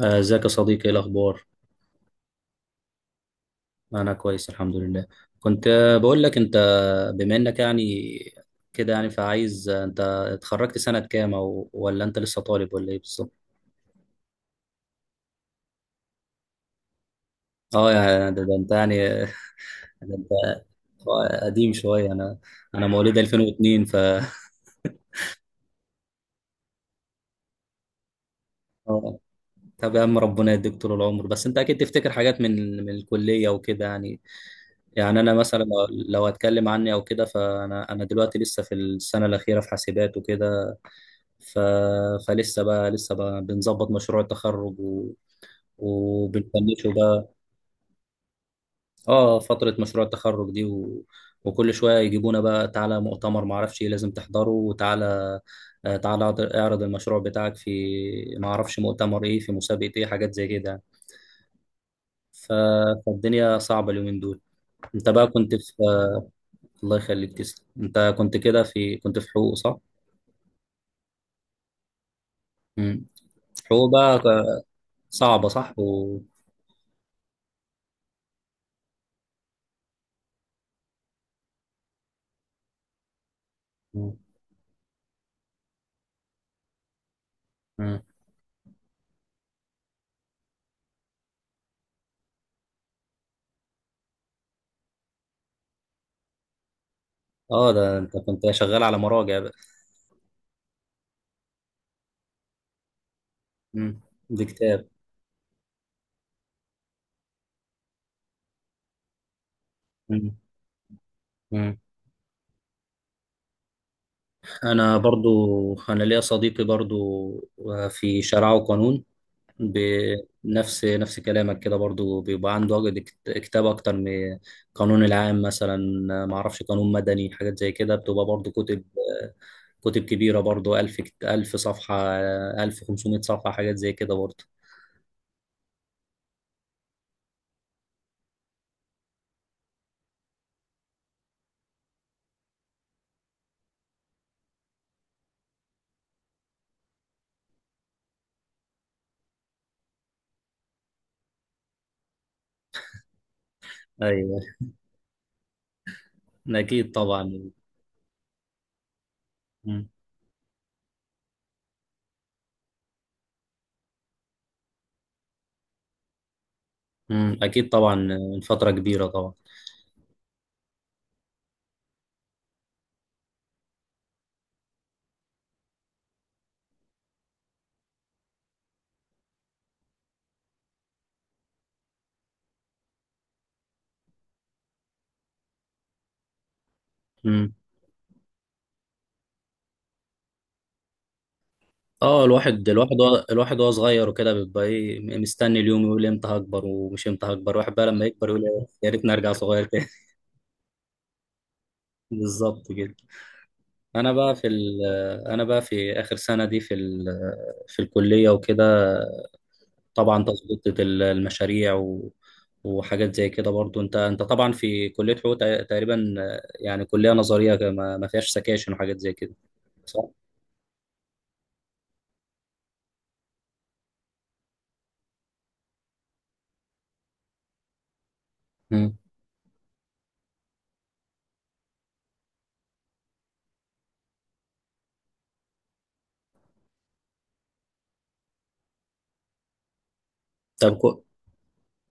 ازيك يا صديقي؟ ايه الاخبار؟ انا كويس الحمد لله. كنت بقول لك انت، بما انك يعني كده، يعني فعايز انت اتخرجت سنة كام، او ولا انت لسه طالب ولا ايه بالظبط؟ اه يعني ده انت يعني ده انت قديم شوية. انا مواليد 2002، ف آه، طب يا عم ربنا يديك طول العمر. بس انت اكيد تفتكر حاجات من الكلية وكده يعني. يعني انا مثلا لو هتكلم عني او كده، فانا دلوقتي لسه في السنة الأخيرة في حاسبات وكده. ف... فلسه بقى بنظبط مشروع التخرج، و... وبنفنشه بقى. اه، فترة مشروع التخرج دي، و... وكل شوية يجيبونا بقى: تعالى مؤتمر معرفش ايه لازم تحضره، وتعالى تعالى اعرض المشروع بتاعك في معرفش مؤتمر ايه، في مسابقة ايه، حاجات زي كده. ف... فالدنيا صعبة اليومين دول. انت بقى كنت في الله يخليك تسلم. انت كنت كده كنت في حقوق، صح؟ مم. حقوق بقى صعبة صح؟ و... مم. اه، ده انت كنت شغال على مراجع بقى. مم. دي كتاب. مم. مم. انا برضو انا ليا صديقي برضو في شرع وقانون، بنفس كلامك كده، برضو بيبقى عنده عقد كتاب اكتر من قانون العام مثلا، ما اعرفش قانون مدني، حاجات زي كده بتبقى برضو كتب كبيرة برضو، 1000 1000 صفحة، 1500 صفحة، حاجات زي كده برضو. ايوه، اكيد طبعا. مم. مم. اكيد طبعا، من فترة كبيرة طبعا. اه، الواحد وهو صغير وكده بيبقى ايه، مستني اليوم، يقول امتى هكبر، ومش امتى هكبر الواحد بقى، لما يكبر يقول إيه، يا ريتني ارجع صغير تاني. بالظبط كده. انا بقى في ال- انا بقى في اخر سنة دي في الكلية وكده. طبعا تظبيط المشاريع و وحاجات زي كده، برضو انت طبعا في كلية حقوق، تقريبا يعني كلية نظرية كده، ما فيهاش سكاشن وحاجات زي كده، صح؟ مم. طب كو...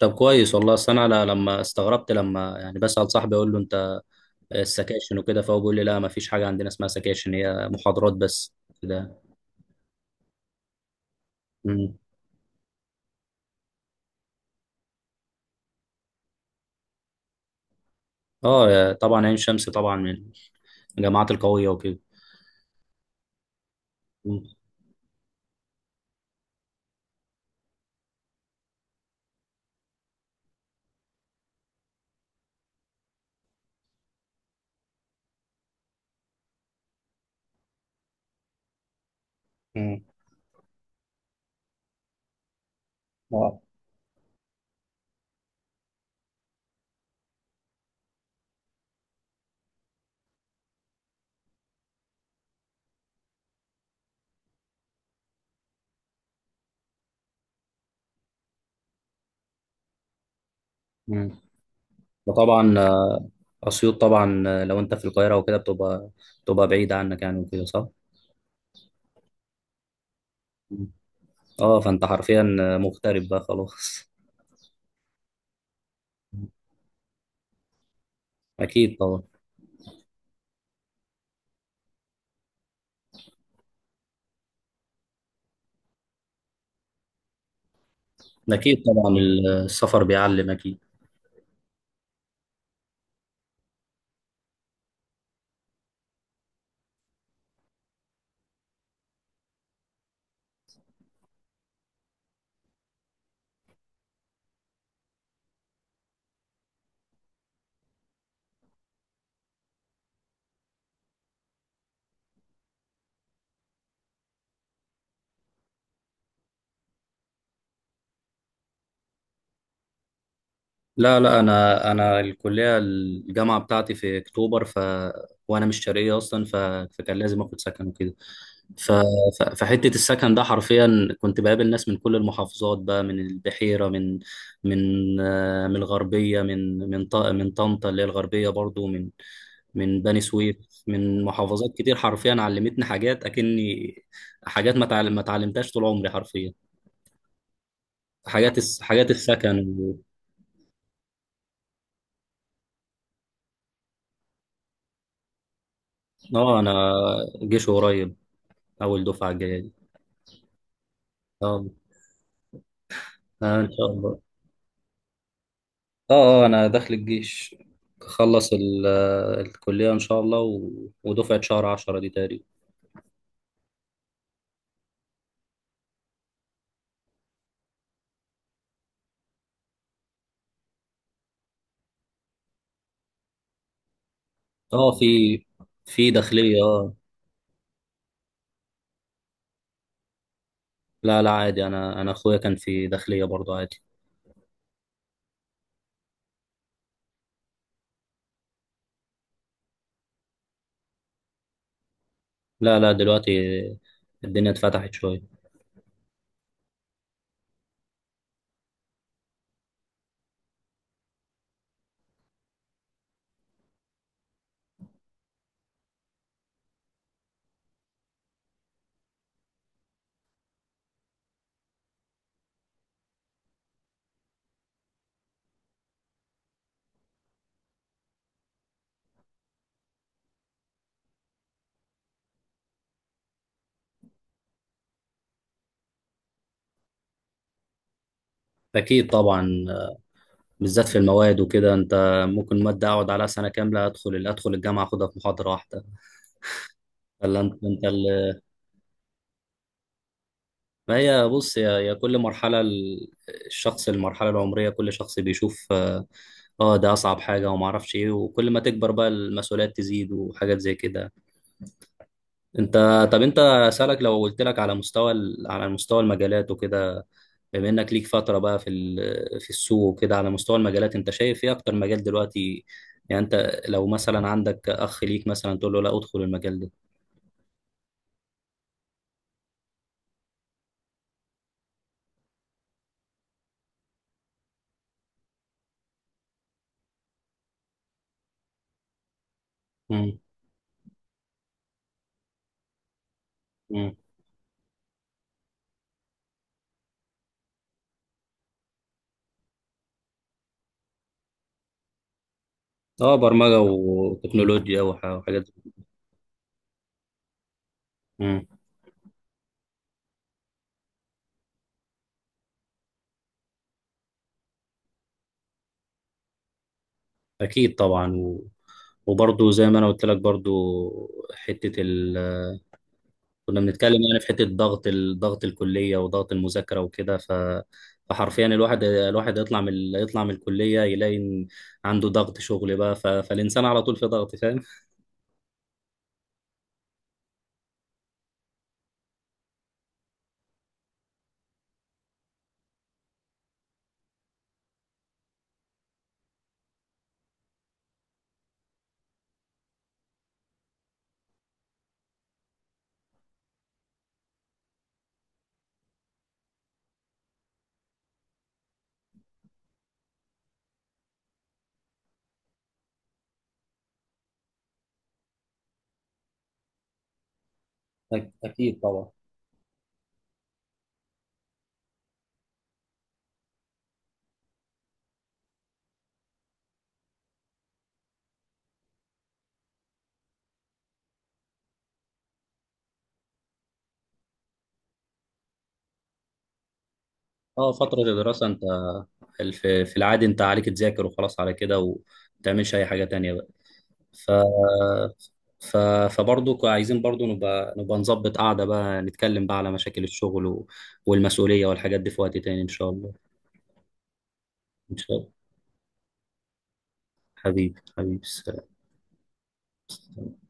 طب كويس والله. اصل انا لما استغربت، لما يعني بسأل صاحبي اقول له: انت السكاشن وكده؟ فهو بيقول لي: لا، ما فيش حاجه عندنا اسمها سكاشن، هي محاضرات بس كده. مم. اه، طبعا عين شمس طبعا من الجامعات القويه وكده. مم. مم. وطبعا اسيوط طبعا لو انت في القاهره وكده بتبقى بعيده عنك يعني وكده، صح؟ مم. اه، فانت حرفيا مغترب بقى خلاص. اكيد طبعا. اكيد طبعا. السفر بيعلم اكيد. لا لا، انا الجامعه بتاعتي في اكتوبر، ف وانا مش شرقيه اصلا. فكان لازم اخد سكن وكده. ف... فحته السكن ده حرفيا كنت بقابل ناس من كل المحافظات بقى، من البحيره، من من الغربيه، من من طنطا اللي هي الغربيه برضو، من بني سويف، من محافظات كتير، حرفيا علمتني حاجات اكني حاجات ما تعلم... ما اتعلمتهاش طول عمري حرفيا، حاجات السكن. و... اه انا جيش قريب، اول دفعه الجايه دي. اه، ان شاء الله. اه اه، انا داخل الجيش، اخلص الكليه ان شاء الله، و... ودفعه شهر 10 دي تقريبا. اه، في داخليه اه. لا لا، عادي، انا انا اخويا كان في داخليه برضه، عادي. لا لا، دلوقتي الدنيا اتفتحت شويه. اكيد طبعا، بالذات في المواد وكده. انت ممكن ماده اقعد عليها سنه كامله، ادخل الجامعه اخدها في محاضره واحده. ولا انت، ما هي بص يا كل مرحلة الشخص، المرحلة العمرية، كل شخص بيشوف اه، ده أصعب حاجة وما أعرفش إيه. وكل ما تكبر بقى المسؤوليات تزيد وحاجات زي كده. أنت طب أنت أسألك، لو قلت لك على مستوى على مستوى المجالات وكده، بما إنك ليك فترة بقى في السوق وكده، على مستوى المجالات أنت شايف إيه أكتر مجال دلوقتي؟ يعني أنت لو مثلا عندك أخ ليك مثلا تقول له: لا، أدخل المجال ده. مم. مم. اه، برمجة وتكنولوجيا وحاجات دي. اكيد طبعا، و... وبرضه زي ما انا قلت لك برضه حته ال... كنا بنتكلم يعني في حته ضغط الكليه وضغط المذاكره وكده. فحرفيا الواحد يطلع يطلع من الكليه، يلاقي إن عنده ضغط شغل بقى. فالانسان على طول في ضغط، فاهم. اكيد طبعا. اه، فتره الدراسه انت في العادي انت عليك تذاكر وخلاص، على كده، وما تعملش اي حاجه تانية بقى. ف ف فبرضه عايزين برضه نبقى نظبط قعدة بقى، نتكلم بقى على مشاكل الشغل و... والمسؤولية والحاجات دي في وقت تاني إن شاء الله. إن شاء الله حبيبي حبيبي. سلام.